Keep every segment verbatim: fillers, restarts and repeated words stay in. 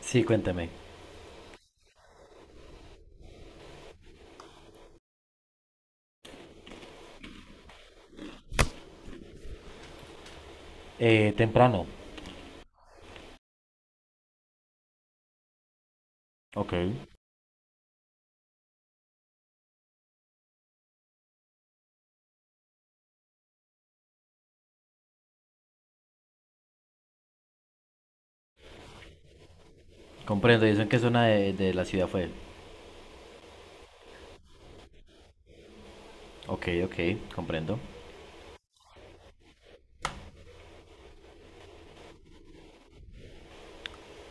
Sí, cuéntame. Eh, temprano. Ok, comprendo. ¿Y eso en qué zona de, de la ciudad fue? Ok, ok, comprendo.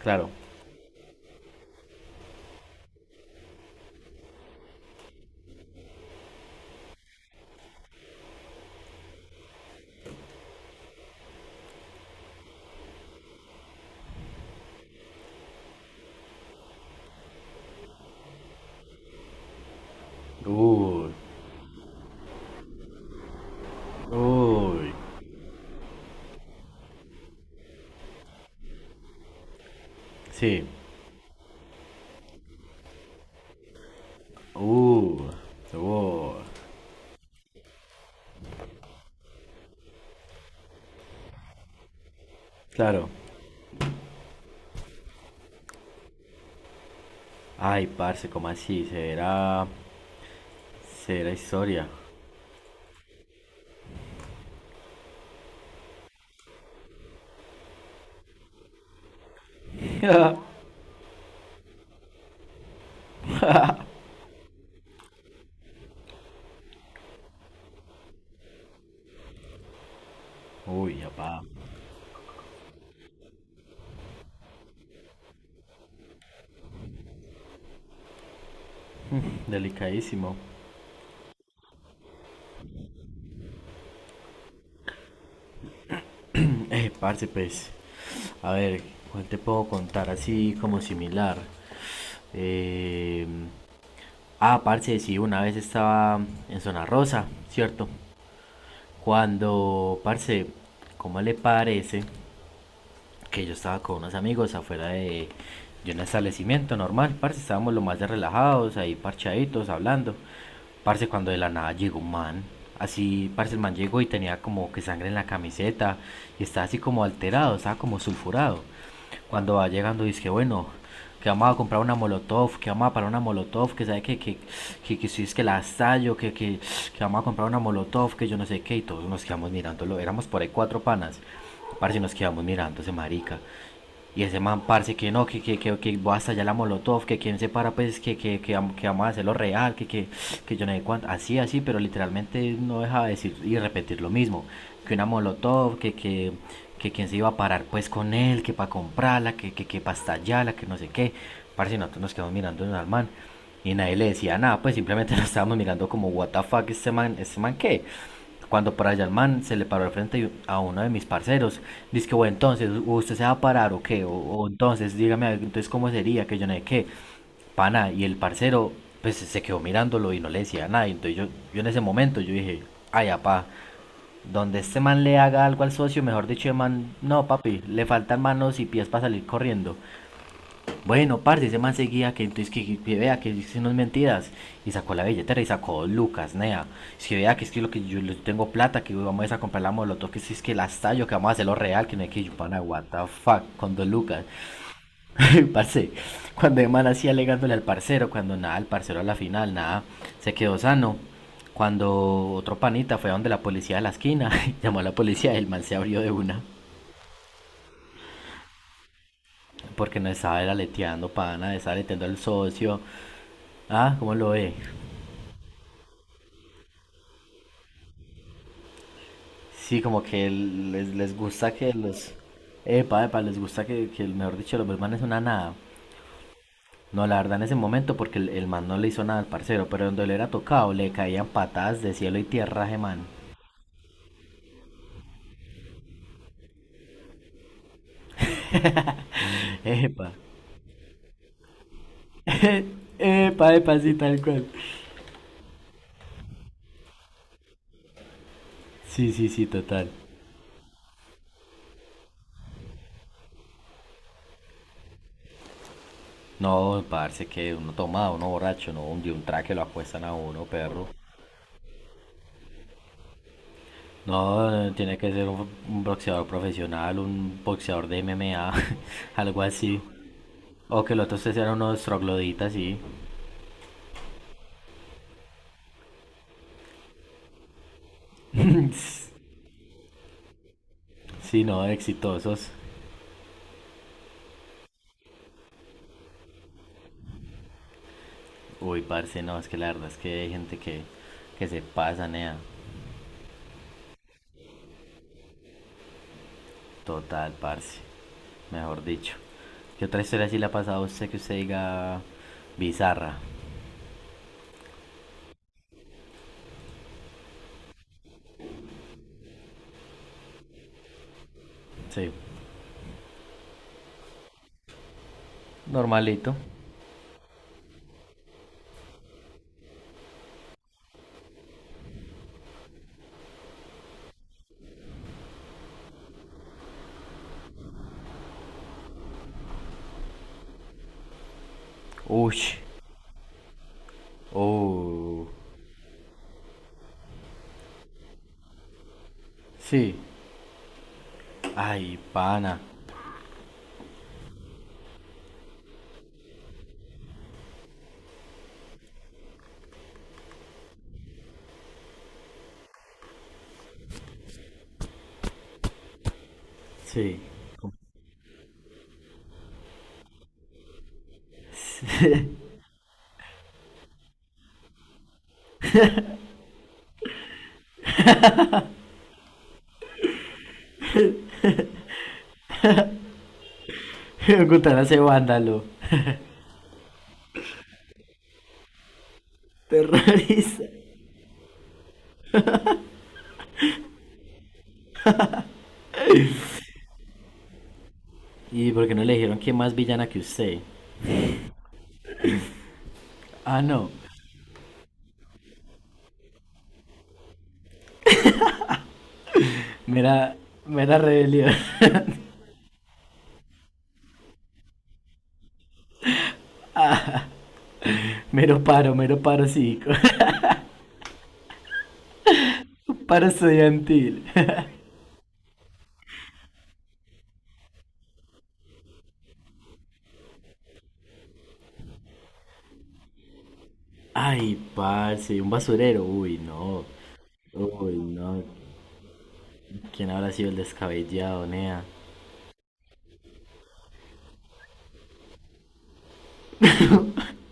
Claro. Uy, uy, sí. Uy, uy, claro. Ay, parce, ¿cómo así? Será, será historia. Uy, apá, delicadísimo. Eh, parce, pues, a ver, ¿cuál te puedo contar así como similar? Eh, Ah, parce, sí, una vez estaba en Zona Rosa, ¿cierto? Cuando, parce, ¿cómo le parece que yo estaba con unos amigos afuera de, de un establecimiento normal, parce, estábamos lo más de relajados, ahí parchaditos, hablando? Parce, cuando de la nada llegó un man, así, parce, el man llegó y tenía como que sangre en la camiseta y estaba así como alterado, estaba como sulfurado. Cuando va llegando dice que bueno, que vamos a comprar una molotov, que vamos a parar una molotov, que sabe que, que, que, que si es que la estallo, que, que, que vamos a comprar una molotov, que yo no sé qué, y todos nos quedamos mirándolo, éramos por ahí cuatro panas. Parce, nos quedamos mirando ese marica. Y ese man, parce, que no, que, que, que, que voy hasta allá la molotov, que quien se para, pues, que, que, que, que vamos a hacerlo real, que, que, que yo no sé cuánto. Así, así, pero literalmente no deja de decir y repetir lo mismo. Que una molotov, que, que, que quien se iba a parar, pues, con él, que para comprarla, que, que, que para estallarla, que no sé qué. Parce, nosotros nos quedamos mirando al man. Y nadie le decía nada, pues simplemente nos estábamos mirando como, what the fuck, este man, este man qué. Cuando por allá el man se le paró al frente a uno de mis parceros, dice que, bueno, entonces, ¿usted se va a parar o qué? O, o entonces, dígame, a ver, entonces, ¿cómo sería? Que yo no sé qué, pana, y el parcero, pues, se quedó mirándolo y no le decía nada, y entonces yo, yo en ese momento, yo dije, ay, apá, donde este man le haga algo al socio, mejor dicho, el man, no, papi, le faltan manos y pies para salir corriendo. Bueno, parce, ese man seguía que entonces que, que- vea que hice unas mentiras y sacó la billetera y sacó dos lucas, nea. Si vea que es que lo que yo le tengo plata, que vamos a comprar la molotov, que si es que la estallo, que vamos a hacerlo real, que no hay que yo, pana, what the fuck, con dos lucas. Parce, cuando el man así alegándole al parcero, cuando nada, el parcero a la final, nada, se quedó sano. Cuando otro panita fue a donde la policía de la esquina, llamó a la policía y el man se abrió de una, porque no estaba era leteando, pana, estaba leteando al socio. Ah, ¿cómo lo ve? Sí, como que les, les gusta que los... Epa, epa, les gusta que, que el- mejor dicho, los man es una nada. No, la verdad en ese momento porque el, el man no le hizo nada al parcero, pero donde le era tocado le caían patadas de cielo y tierra a ese man. Epa. Epa, epa, sí, tal cual. Sí, sí, sí, total. No, parce, que uno tomado, uno borracho, no, un, de un traque lo acuestan a uno, perro. No, tiene que ser un, un boxeador profesional, un boxeador de M M A, algo así. O que los otros tres eran unos trogloditas, sí. Sí, no, exitosos. Uy, parce, no, es que la verdad es que hay gente que, que se pasa, nea. Total, parce. Mejor dicho. ¿Qué otra historia sí le ha pasado a usted que usted diga bizarra? Sí. Normalito. Ush. Oh. Sí. Ay, pana. Sí. Gutana hace vándalo. Terrorista. ¿Y por qué no le dijeron que más villana que usted? Ah, no. Mera, mera rebelión. Mero paro, mero paro cívico. Paro estudiantil. Ay, parce, un basurero. Uy, no. Uy, no. ¿Quién habrá sido el descabellado, nea?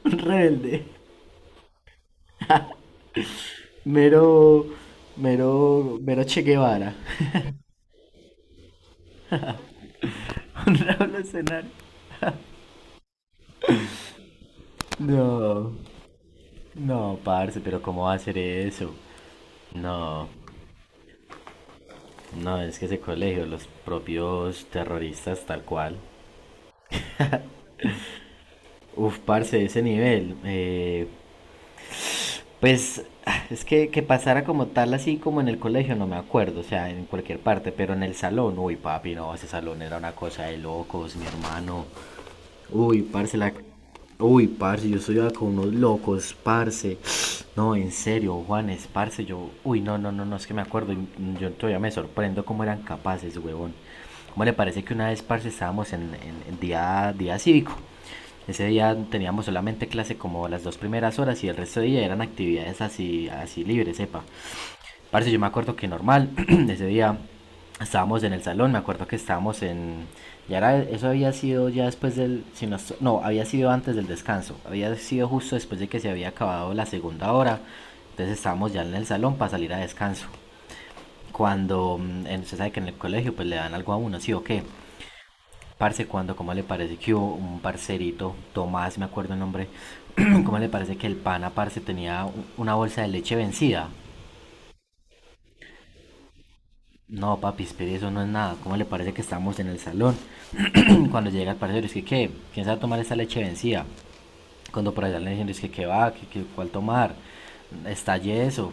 Un rebelde. Mero, mero, mero Che Guevara. Un revolucionario. No, no, parce, pero ¿cómo va a hacer eso? No, no, es que ese colegio, los propios terroristas tal cual. Uf, parce, ese nivel. Eh, pues es que, que pasara como tal así como en el colegio, no me acuerdo, o sea, en cualquier parte, pero en el salón, uy, papi, no, ese salón era una cosa de locos, mi hermano. Uy, parce, la... Uy, parce, yo estudiaba con unos locos, parce. No, en serio, Juanes, parce, yo... Uy, no, no, no, no, es que me acuerdo, y, mm, yo todavía me sorprendo cómo eran capaces, huevón. ¿Cómo le parece que una vez, parce, estábamos en, en- en día, día cívico? Ese día teníamos solamente clase como las dos primeras horas y el resto de día eran actividades así, así libres, sepa. Parce, yo me acuerdo que normal, ese día estábamos en el salón, me acuerdo que estábamos en... Ya era, eso había sido ya después del... si no No, había sido antes del descanso, había sido justo después de que se había acabado la segunda hora, entonces estábamos ya en el salón para salir a descanso. Cuando, mm, en- usted sabe que en el colegio pues le dan algo a uno, sí o qué. Parce, cuando, ¿cómo le parece que hubo un parcerito, Tomás, me acuerdo el nombre, ¿cómo le parece que el pana, parce, tenía u- una bolsa de leche vencida? No, papi, espere, eso no es nada. ¿Cómo le parece que estamos en el salón? Cuando llega el parcero, es que, ¿qué? ¿Quién sabe tomar esa leche vencida? Cuando por allá le dicen, es que, ¿qué va? ¿Qué, qué, ¿cuál tomar? Estalle eso.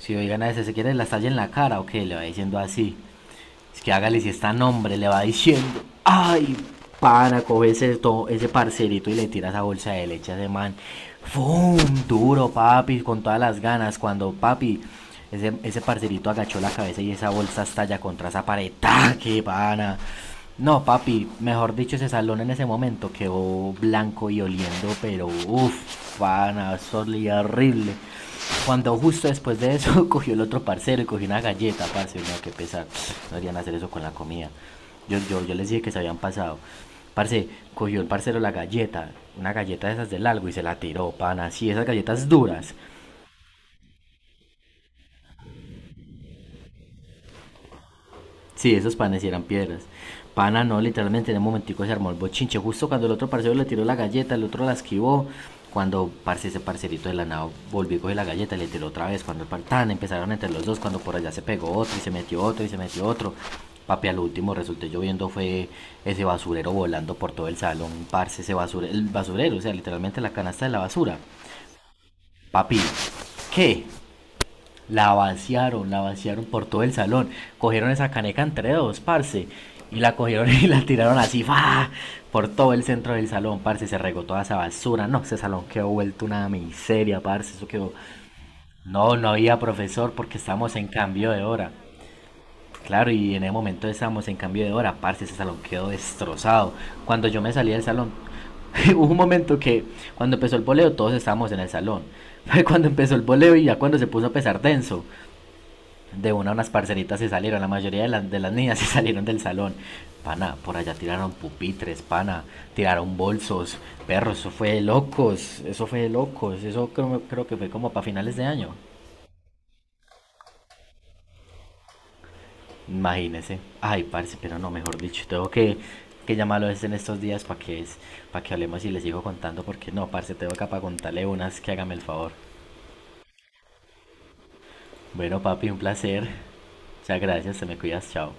Si oigan a ese, se quiere la estalle en la cara o qué, le va diciendo así. Es que hágale si está nombre, le va diciendo. Ay, pana, coge ese, to- ese parcerito y le tira esa bolsa de leche a ese man. ¡Fum! Duro, papi, con todas las ganas. Cuando papi, ese, ese parcerito agachó la cabeza y esa bolsa estalla contra esa pared. ¡Ah, ¡Qué pana! No, papi, mejor dicho, ese salón en ese momento quedó blanco y oliendo, pero uff, pana, eso olía horrible. Cuando justo después de eso cogió el otro parcero y cogió una galleta, parce, no, qué pesar, no deberían hacer eso con la comida. Yo, yo, yo les dije que se habían pasado. Parce, cogió el parcero la galleta, una galleta de esas del algo y se la tiró, pana, así, esas galletas duras. Sí, esos panes sí eran piedras. Pana no, literalmente en un momentico se armó el bochinche. Justo cuando el otro parcero le tiró la galleta, el otro la esquivó. Cuando parce, ese parcerito de la nao volvió a coger la galleta, le tiró otra vez. Cuando el par- tan empezaron entre los dos, cuando por allá se pegó otro y se metió otro y se metió otro. Papi, al último resulté yo viendo fue ese basurero volando por todo el salón. Parce, ese basurero, el basurero, o sea, literalmente la canasta de la basura. Papi, ¿qué? La vaciaron, la vaciaron por todo el salón. Cogieron esa caneca entre dos, parce. Y la cogieron y la tiraron así, ¡fa! Por todo el centro del salón, parce. Se regó toda esa basura. No, ese salón quedó vuelto una miseria, parce. Eso quedó. No, no había profesor porque estábamos en cambio de hora. Claro, y en ese momento estábamos en cambio de hora, parce. Ese salón quedó destrozado. Cuando yo me salí del salón, hubo un momento que cuando empezó el voleo todos estábamos en el salón. Cuando empezó el voleo y ya cuando se puso a pesar denso, de una unas parceritas se salieron, la mayoría de, las de las niñas se salieron del salón. Pana, por allá tiraron pupitres, pana, tiraron bolsos, perros, eso fue de locos, eso fue de locos, eso creo, creo que fue como para finales de año. Imagínese. Ay, parce, pero no, mejor dicho, tengo que, que llamarlo es en estos días para que, es, para que hablemos y les sigo contando, porque no, parce, tengo acá para contarle unas que hágame el favor. Bueno, papi, un placer. Muchas gracias, te me cuidas, chao.